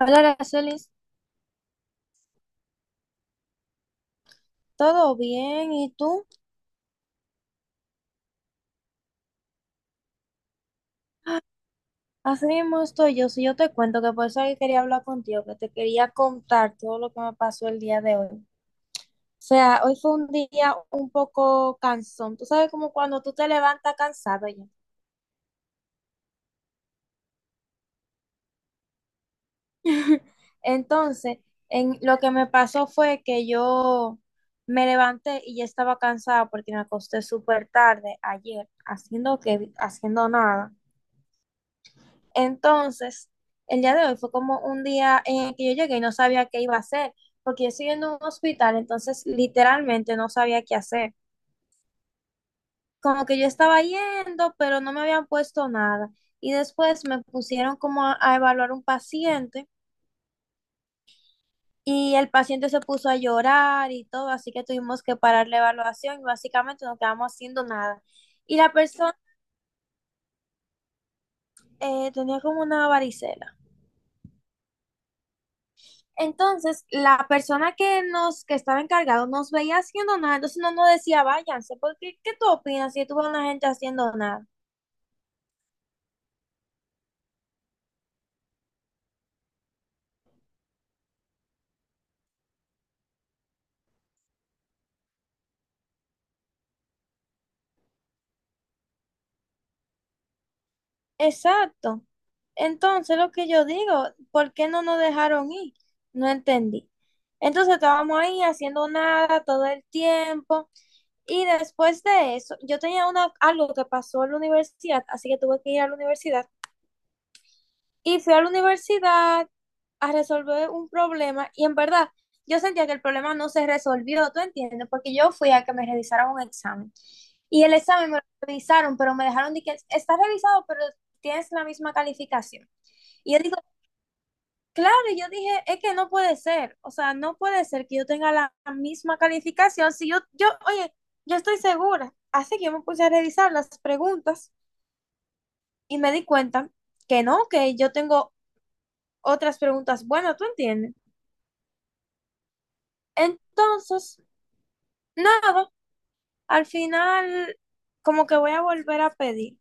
Hola, Aracelis, ¿todo bien? ¿Y tú? Así mismo estoy yo. Si yo te cuento que por eso que quería hablar contigo, que te quería contar todo lo que me pasó el día de hoy. O sea, hoy fue un día un poco cansón. Tú sabes como cuando tú te levantas cansado ya. Entonces, lo que me pasó fue que yo me levanté y ya estaba cansada porque me acosté súper tarde ayer, haciendo nada. Entonces, el día de hoy fue como un día en el que yo llegué y no sabía qué iba a hacer, porque yo estoy en un hospital, entonces literalmente no sabía qué hacer. Como que yo estaba yendo, pero no me habían puesto nada. Y después me pusieron como a evaluar un paciente y el paciente se puso a llorar y todo, así que tuvimos que parar la evaluación y básicamente no quedamos haciendo nada. Y la persona tenía como una varicela. Entonces, la persona que nos, que estaba encargado nos veía haciendo nada, entonces no nos decía, váyanse, porque ¿qué tú opinas si tú ves a una gente haciendo nada? Exacto. Entonces, lo que yo digo, ¿por qué no nos dejaron ir? No entendí. Entonces, estábamos ahí haciendo nada todo el tiempo. Y después de eso, algo que pasó en la universidad, así que tuve que ir a la universidad. Y fui a la universidad a resolver un problema y en verdad yo sentía que el problema no se resolvió, ¿tú entiendes? Porque yo fui a que me revisaran un examen y el examen me lo revisaron, pero me dejaron de que está revisado, pero tienes la misma calificación. Y yo digo, claro, y yo dije, es que no puede ser, o sea, no puede ser que yo tenga la misma calificación si yo, oye, yo estoy segura. Así que yo me puse a revisar las preguntas y me di cuenta que no, que yo tengo otras preguntas. Bueno, tú entiendes. Entonces, nada, al final como que voy a volver a pedir.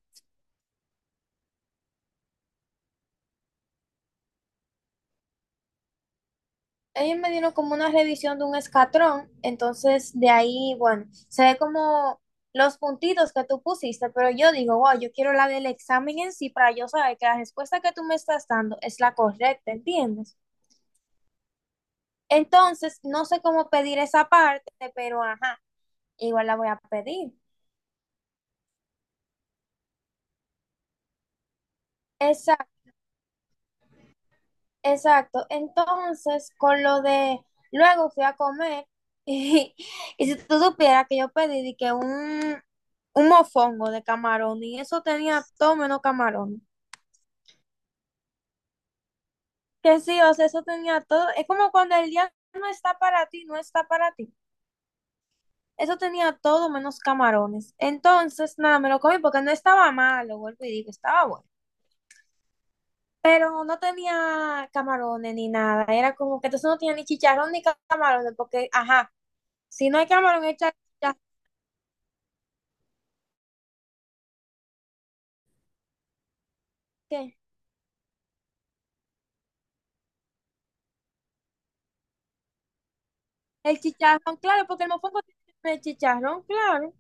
Ellos me dieron como una revisión de un escatrón, entonces de ahí, bueno, se ve como los puntitos que tú pusiste, pero yo digo, wow, yo quiero la del examen en sí para yo saber que la respuesta que tú me estás dando es la correcta, ¿entiendes? Entonces, no sé cómo pedir esa parte, pero ajá, igual la voy a pedir. Esa Exacto. Entonces, con lo de luego fui a comer y, y si tú supieras que yo pedí un mofongo de camarón y eso tenía todo menos camarón. Que sí, o sea, eso tenía todo. Es como cuando el día no está para ti, no está para ti. Eso tenía todo menos camarones. Entonces, nada, me lo comí porque no estaba malo, vuelvo y digo, estaba bueno. Pero no tenía camarones ni nada. Era como que entonces no tenía ni chicharrón ni camarones porque, ajá. Si no hay camarón, el chicharrón, ¿qué? El chicharrón, claro, porque el mofongo tiene el chicharrón, claro.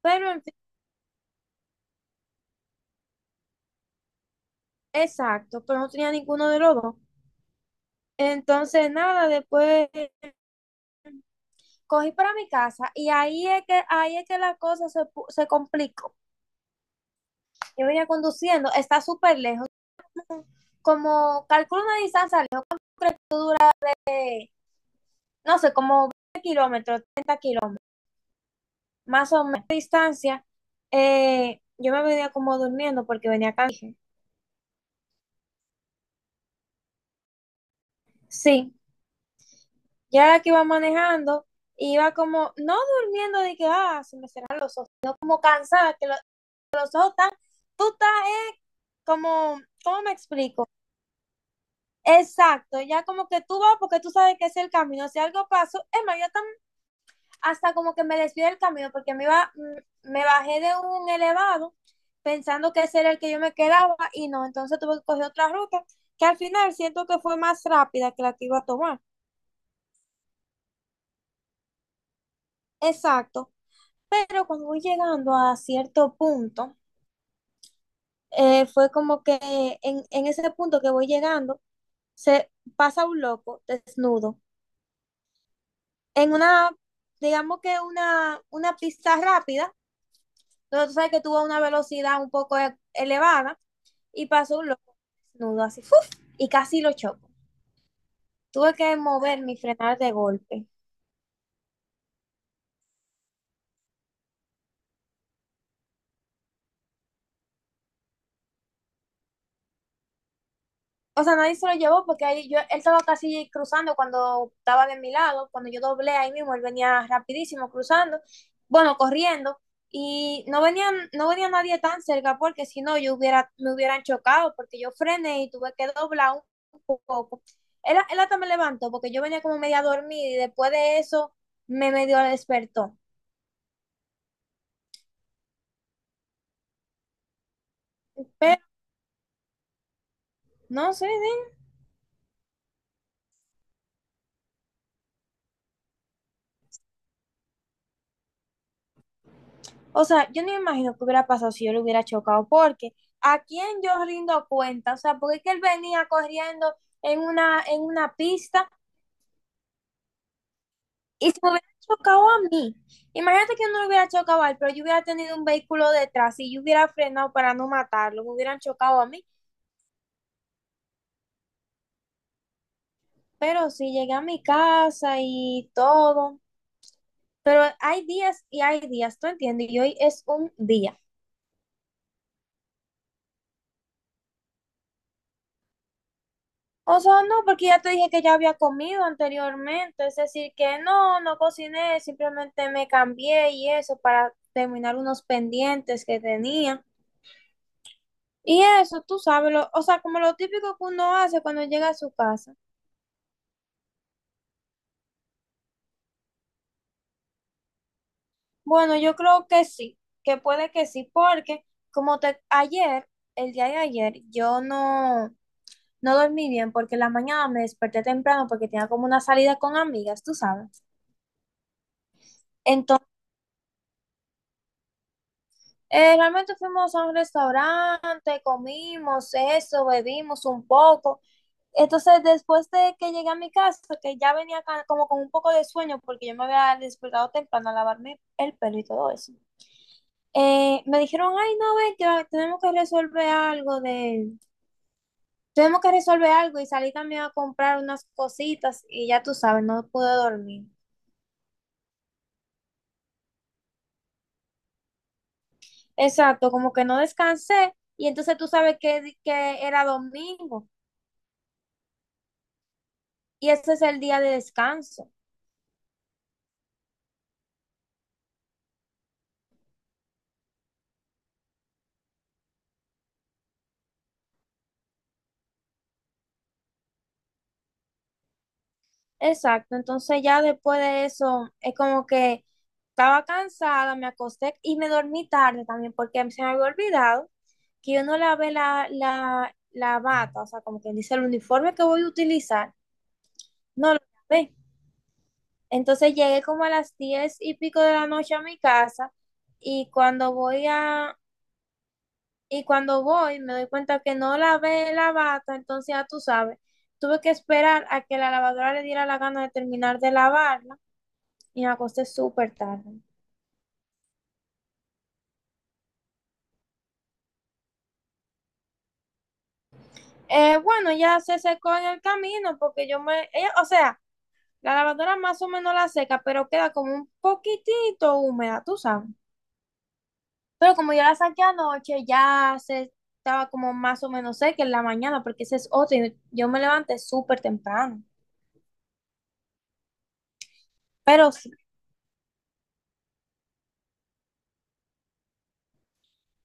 Pero, en fin, exacto, pero no tenía ninguno de los dos. Entonces, nada, después cogí para mi casa y ahí es que la cosa se, pu- se complicó. Yo venía conduciendo, está súper lejos. Como calculo una distancia lejos, creo que, no sé, como 20 kilómetros más o menos de distancia, yo me venía como durmiendo porque venía acá. Sí, ya que iba manejando, iba como, no durmiendo de que, ah, se me cerraron los ojos, sino como cansada, que los ojos están, tú estás, como, ¿cómo me explico? Exacto, ya como que tú vas porque tú sabes que es el camino, si algo pasó, es más, yo también, hasta como que me desvié del camino, porque me iba, me bajé de un elevado pensando que ese era el que yo me quedaba y no, entonces tuve que coger otra ruta, que al final siento que fue más rápida que la que iba a tomar. Exacto. Pero cuando voy llegando a cierto punto, fue como que en ese punto que voy llegando, se pasa un loco desnudo en una, digamos que una pista rápida, donde tú sabes que tuvo una velocidad un poco elevada, y pasó un loco desnudo así, ¡fuf! Y casi lo choco. Tuve que mover y frenar de golpe. O sea, nadie se lo llevó porque ahí yo, él estaba casi cruzando cuando estaba de mi lado, cuando yo doblé ahí mismo, él venía rapidísimo cruzando, bueno, corriendo, y no venía nadie tan cerca porque si no yo hubiera, me hubieran chocado porque yo frené y tuve que doblar un poco. Él hasta me levantó porque yo venía como media dormida y después de eso me medio despertó. Pero no sé, ¿sí? O sea, yo no me imagino que hubiera pasado si yo le hubiera chocado, porque a quién yo rindo cuenta, o sea, porque es que él venía corriendo en una pista y se me hubiera chocado a mí. Imagínate que yo no lo hubiera chocado a él, pero yo hubiera tenido un vehículo detrás y yo hubiera frenado para no matarlo, me hubieran chocado a mí. Pero sí, llegué a mi casa y todo. Pero hay días y hay días, ¿tú entiendes? Y hoy es un día. O sea, no, porque ya te dije que ya había comido anteriormente, es decir, que no, no cociné, simplemente me cambié y eso para terminar unos pendientes que tenía. Y eso, tú sabes, o sea, como lo típico que uno hace cuando llega a su casa. Bueno, yo creo que sí, que puede que sí, porque como te, ayer, el día de ayer, yo no, no dormí bien porque en la mañana me desperté temprano porque tenía como una salida con amigas, tú sabes. Realmente fuimos a un restaurante, comimos eso, bebimos un poco. Entonces, después de que llegué a mi casa, que ya venía como con un poco de sueño, porque yo me había despertado temprano a lavarme el pelo y todo eso, me dijeron, ay, no, ven, que tenemos que resolver algo de... Tenemos que resolver algo y salí también a comprar unas cositas y ya tú sabes, no pude dormir. Exacto, como que no descansé y entonces tú sabes que era domingo. Y ese es el día de descanso. Exacto, entonces ya después de eso es como que estaba cansada, me acosté y me dormí tarde también porque se me había olvidado que yo no lavé la bata, o sea, como quien dice el uniforme que voy a utilizar, no lo lavé. Entonces llegué como a las 10 y pico de la noche a mi casa y Y cuando voy, me doy cuenta que no lavé la bata, entonces ya tú sabes, tuve que esperar a que la lavadora le diera la gana de terminar de lavarla y me acosté súper tarde. Bueno, ya se secó en el camino porque o sea, la lavadora más o menos la seca, pero queda como un poquitito húmeda, tú sabes. Pero como yo la saqué anoche, ya se estaba como más o menos seca en la mañana porque ese es otro y yo me levanté súper temprano. Pero sí.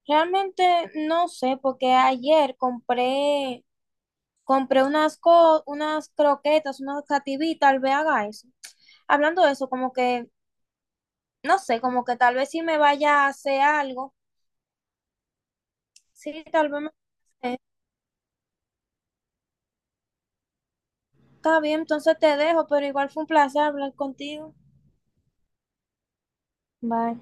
Realmente no sé, porque compré unas, unas croquetas, unas cativí, tal vez haga eso. Hablando de eso, como que, no sé, como que tal vez si me vaya a hacer algo, sí, tal vez me... eh, Está bien, entonces te dejo, pero igual fue un placer hablar contigo. Bye.